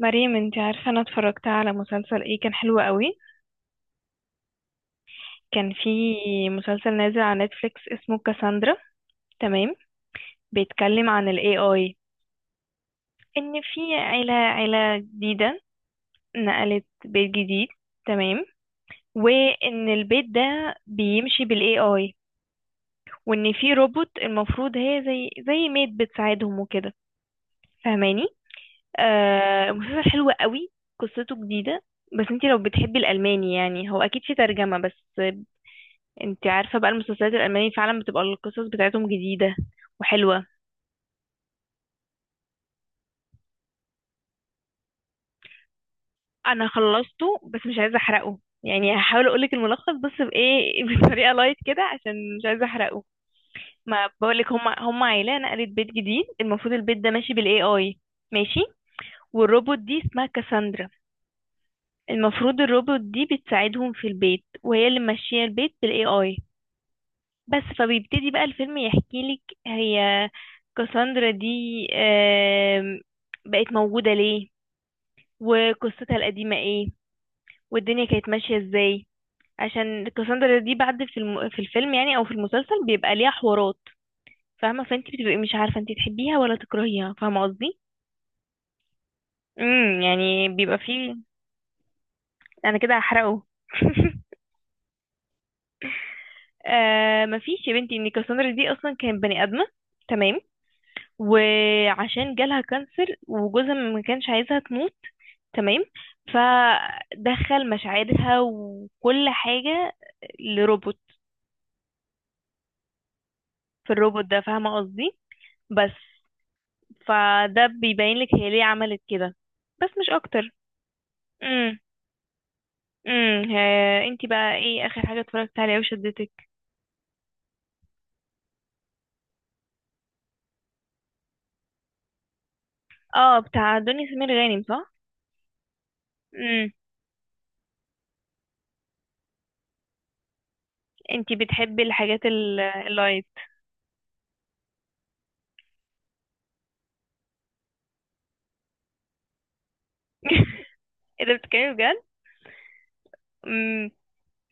مريم، انتي عارفة، انا اتفرجت على مسلسل، ايه كان حلو قوي. كان في مسلسل نازل على نتفليكس اسمه كاساندرا. تمام. بيتكلم عن ال AI، ان في عيلة جديدة نقلت بيت جديد. تمام. وان البيت ده بيمشي بال AI، وان في روبوت المفروض هي زي ميد بتساعدهم وكده. فاهماني؟ مسلسل حلو قوي، قصته جديدة. بس انتي لو بتحبي الالماني، يعني هو اكيد في ترجمة، بس انت عارفة بقى، المسلسلات الألمانية فعلا بتبقى القصص بتاعتهم جديدة وحلوة. أنا خلصته بس مش عايزة أحرقه، يعني هحاول أقولك الملخص بس بإيه بطريقة لايت كده، عشان مش عايزة أحرقه. ما بقولك، هم عيلة نقلت بيت جديد، المفروض البيت ده ماشي بالاي اي. ماشي. والروبوت دي اسمها كاساندرا. المفروض الروبوت دي بتساعدهم في البيت، وهي اللي ماشية البيت بالاي اي. بس فبيبتدي بقى الفيلم يحكيلك هي كاساندرا دي آم، بقت موجودة ليه، وقصتها القديمة ايه، والدنيا كانت ماشية ازاي. عشان كاساندرا دي بعد في الفيلم، يعني او في المسلسل، بيبقى ليها حوارات. فاهمة؟ فانت بتبقي مش عارفة انت تحبيها ولا تكرهيها، فاهمة قصدي. امم. يعني بيبقى فيه. انا كده هحرقه آه، مفيش يا بنتي. ان كاساندرا دي اصلا كانت بني ادمة، تمام، وعشان جالها كانسر وجوزها ما كانش عايزها تموت، تمام، فدخل مشاعرها وكل حاجة لروبوت، في الروبوت ده. فاهمة قصدي؟ بس فده بيبين لك هي ليه عملت كده، بس مش اكتر. امم. امم. انتي بقى، ايه اخر حاجة اتفرجت عليها وشدتك؟ اه، بتاع دنيا سمير غانم، صح؟ امم. انتي بتحبي الحاجات اللايت. ايه ده، بتتكلمي بجد؟ امم.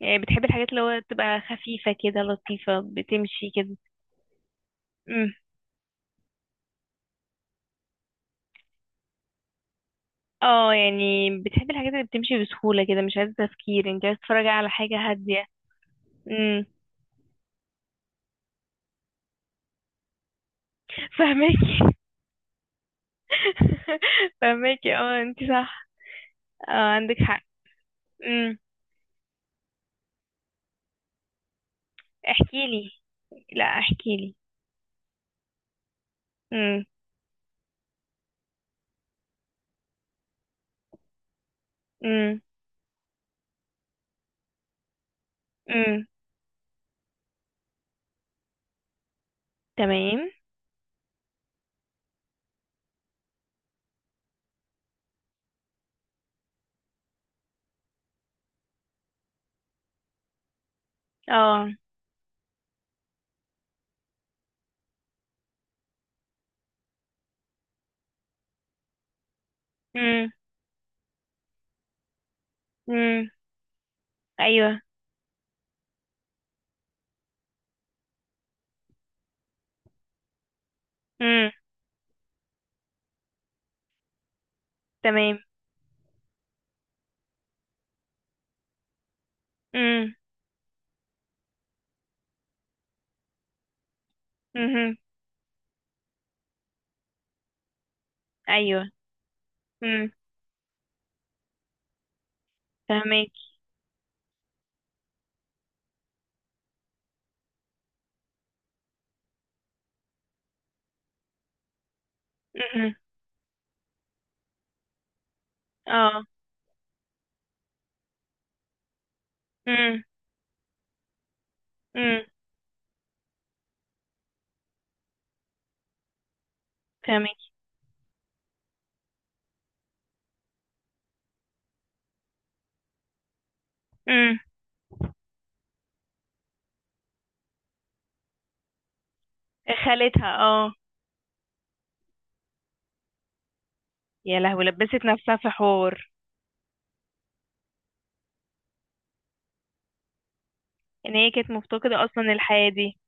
يعني بتحبي الحاجات اللي هو تبقى خفيفة كده، لطيفة، بتمشي كده. امم. اه، يعني بتحبي الحاجات اللي بتمشي بسهولة كده، مش عايزة تفكير، انتي عايزة تتفرجي على حاجة هادية. امم. فاهمك. فهماكي، اه انت صح. اه، عندك حق. امم. احكي لي، لا احكي لي. امم. امم. امم. تمام. اه. امم. امم. ايوه. امم. تمام. امم. امم. ايوه. امم. فهماكي. امم. اه. امم. امم. فهماكي. امم. خالتها، اه. يا لهوي، لبست نفسها في حوار. ان هي كانت مفتقدة اصلا الحياة دي.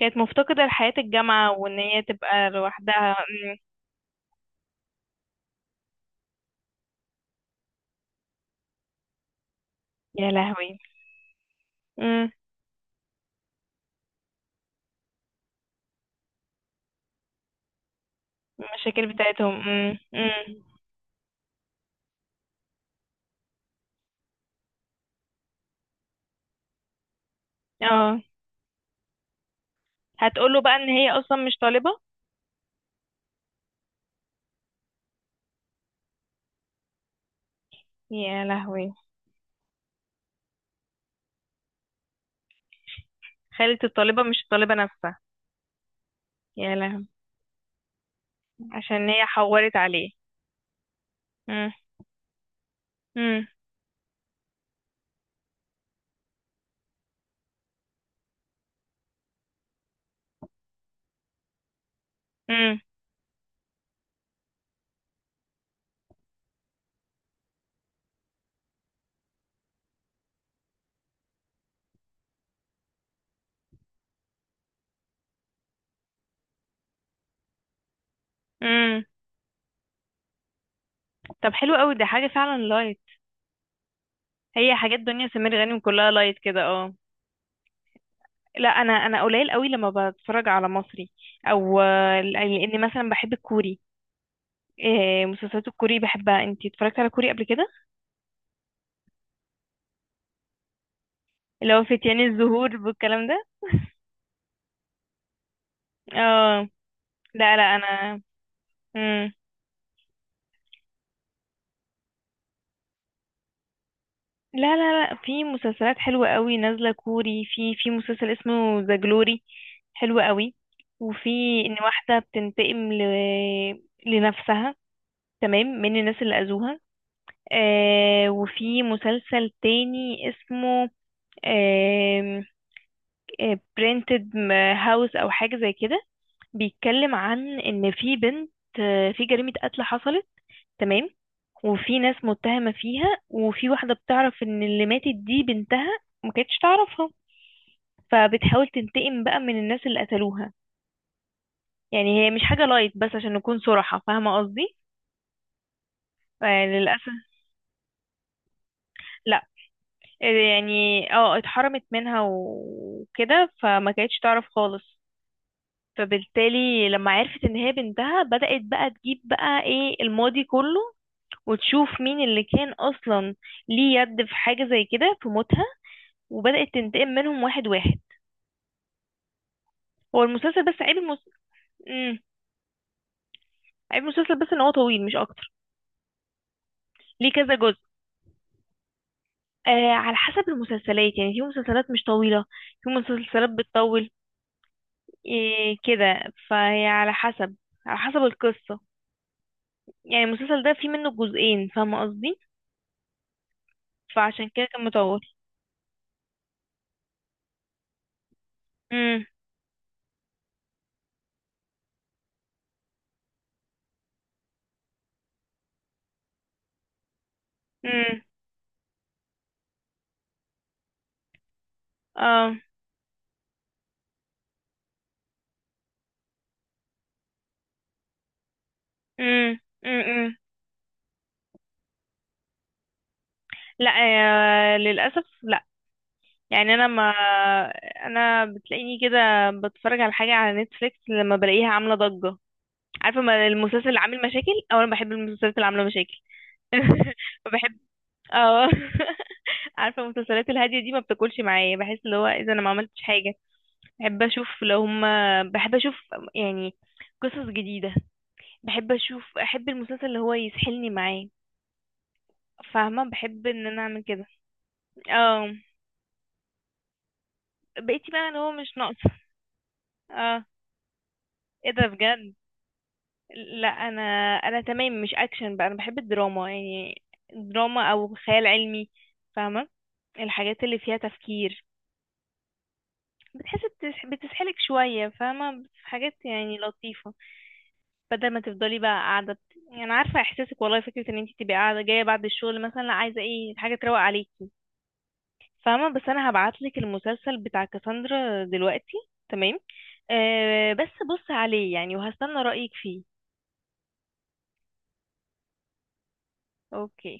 كانت مفتقدة لحياة الجامعة، وان هي تبقى لوحدها. يا لهوي. المشاكل بتاعتهم. امم. امم. اه. هتقوله بقى ان هي اصلا مش طالبة. يا لهوي. خالة الطالبة مش الطالبة نفسها. يا لهوي. عشان هي حورت عليه. امم. امم. امم. امم. طب حلو قوي، ده حاجة فعلا لايت. هي حاجات دنيا سمير غانم كلها لايت كده، اه. لا، انا انا قليل قوي لما بتفرج على مصري، او لاني مثلا بحب الكوري. إيه، مسلسلات الكوري بحبها. انتي اتفرجت على كوري قبل كده؟ اللي هو فتيان الزهور والكلام ده. اه. لا لا انا. مم. لا لا لا، في مسلسلات حلوة قوي نازلة كوري. في مسلسل اسمه ذا جلوري، حلو قوي. وفي ان واحدة بتنتقم ل... لنفسها، تمام، من الناس اللي اذوها. آه، وفي مسلسل تاني اسمه برينتد هاوس او حاجة زي كده. بيتكلم عن ان في بنت، في جريمة قتل حصلت، تمام، وفي ناس متهمة فيها، وفي واحدة بتعرف ان اللي ماتت دي بنتها، ما كانتش تعرفها، فبتحاول تنتقم بقى من الناس اللي قتلوها. يعني هي مش حاجة لايت، بس عشان نكون صراحة، فاهمة قصدي؟ للأسف. لا. يعني اه اتحرمت منها وكده، فما كانتش تعرف خالص. فبالتالي لما عرفت ان هي بنتها، بدأت بقى تجيب بقى ايه الماضي كله، وتشوف مين اللي كان اصلا ليه يد في حاجة زي كده في موتها، وبدأت تنتقم منهم واحد واحد. هو المسلسل بس عيب مم. عيب المسلسل بس ان هو طويل، مش اكتر. ليه كذا جزء. آه، على حسب المسلسلات. يعني في مسلسلات مش طويلة، في مسلسلات بتطول. إيه كده، فهي على حسب، على حسب القصة. يعني المسلسل ده فيه منه جزئين، فاهمة قصدي؟ فعشان كده كان مطول. امم. امم. اه. امم. امم. لا. للأسف. يعني انا ما انا بتلاقيني كده، بتفرج على حاجه على نتفليكس، لما بلاقيها عامله ضجه، عارفه. ما المسلسل اللي عامل مشاكل، او انا بحب المسلسلات اللي عامله مشاكل. بحب. اه. عارفه، المسلسلات الهاديه دي ما بتاكلش معايا. بحس اللي هو اذا انا ما عملتش حاجه، بحب اشوف. لو هما، بحب اشوف يعني قصص جديده. بحب اشوف، احب المسلسل اللي هو يسحلني معاه. فاهمه، بحب ان انا اعمل كده. اه. بقيتي بقى اللي هو مش ناقصه. اه، ايه ده بجد. لا انا، انا تمام مش اكشن، بقى انا بحب الدراما. يعني دراما او خيال علمي، فاهمه. الحاجات اللي فيها تفكير، بتحس بتسحلك شويه، فاهمه. في حاجات يعني لطيفه، بدل ما تفضلي بقى قاعده يعني انا عارفه احساسك والله. فكره ان انت تبقي قاعده جايه بعد الشغل مثلا، لا عايزه ايه، حاجه تروق عليكي، فاهمه. بس انا هبعتلك المسلسل بتاع كاساندرا دلوقتي. تمام. أه بس بص عليه يعني، وهستنى رايك فيه. اوكي.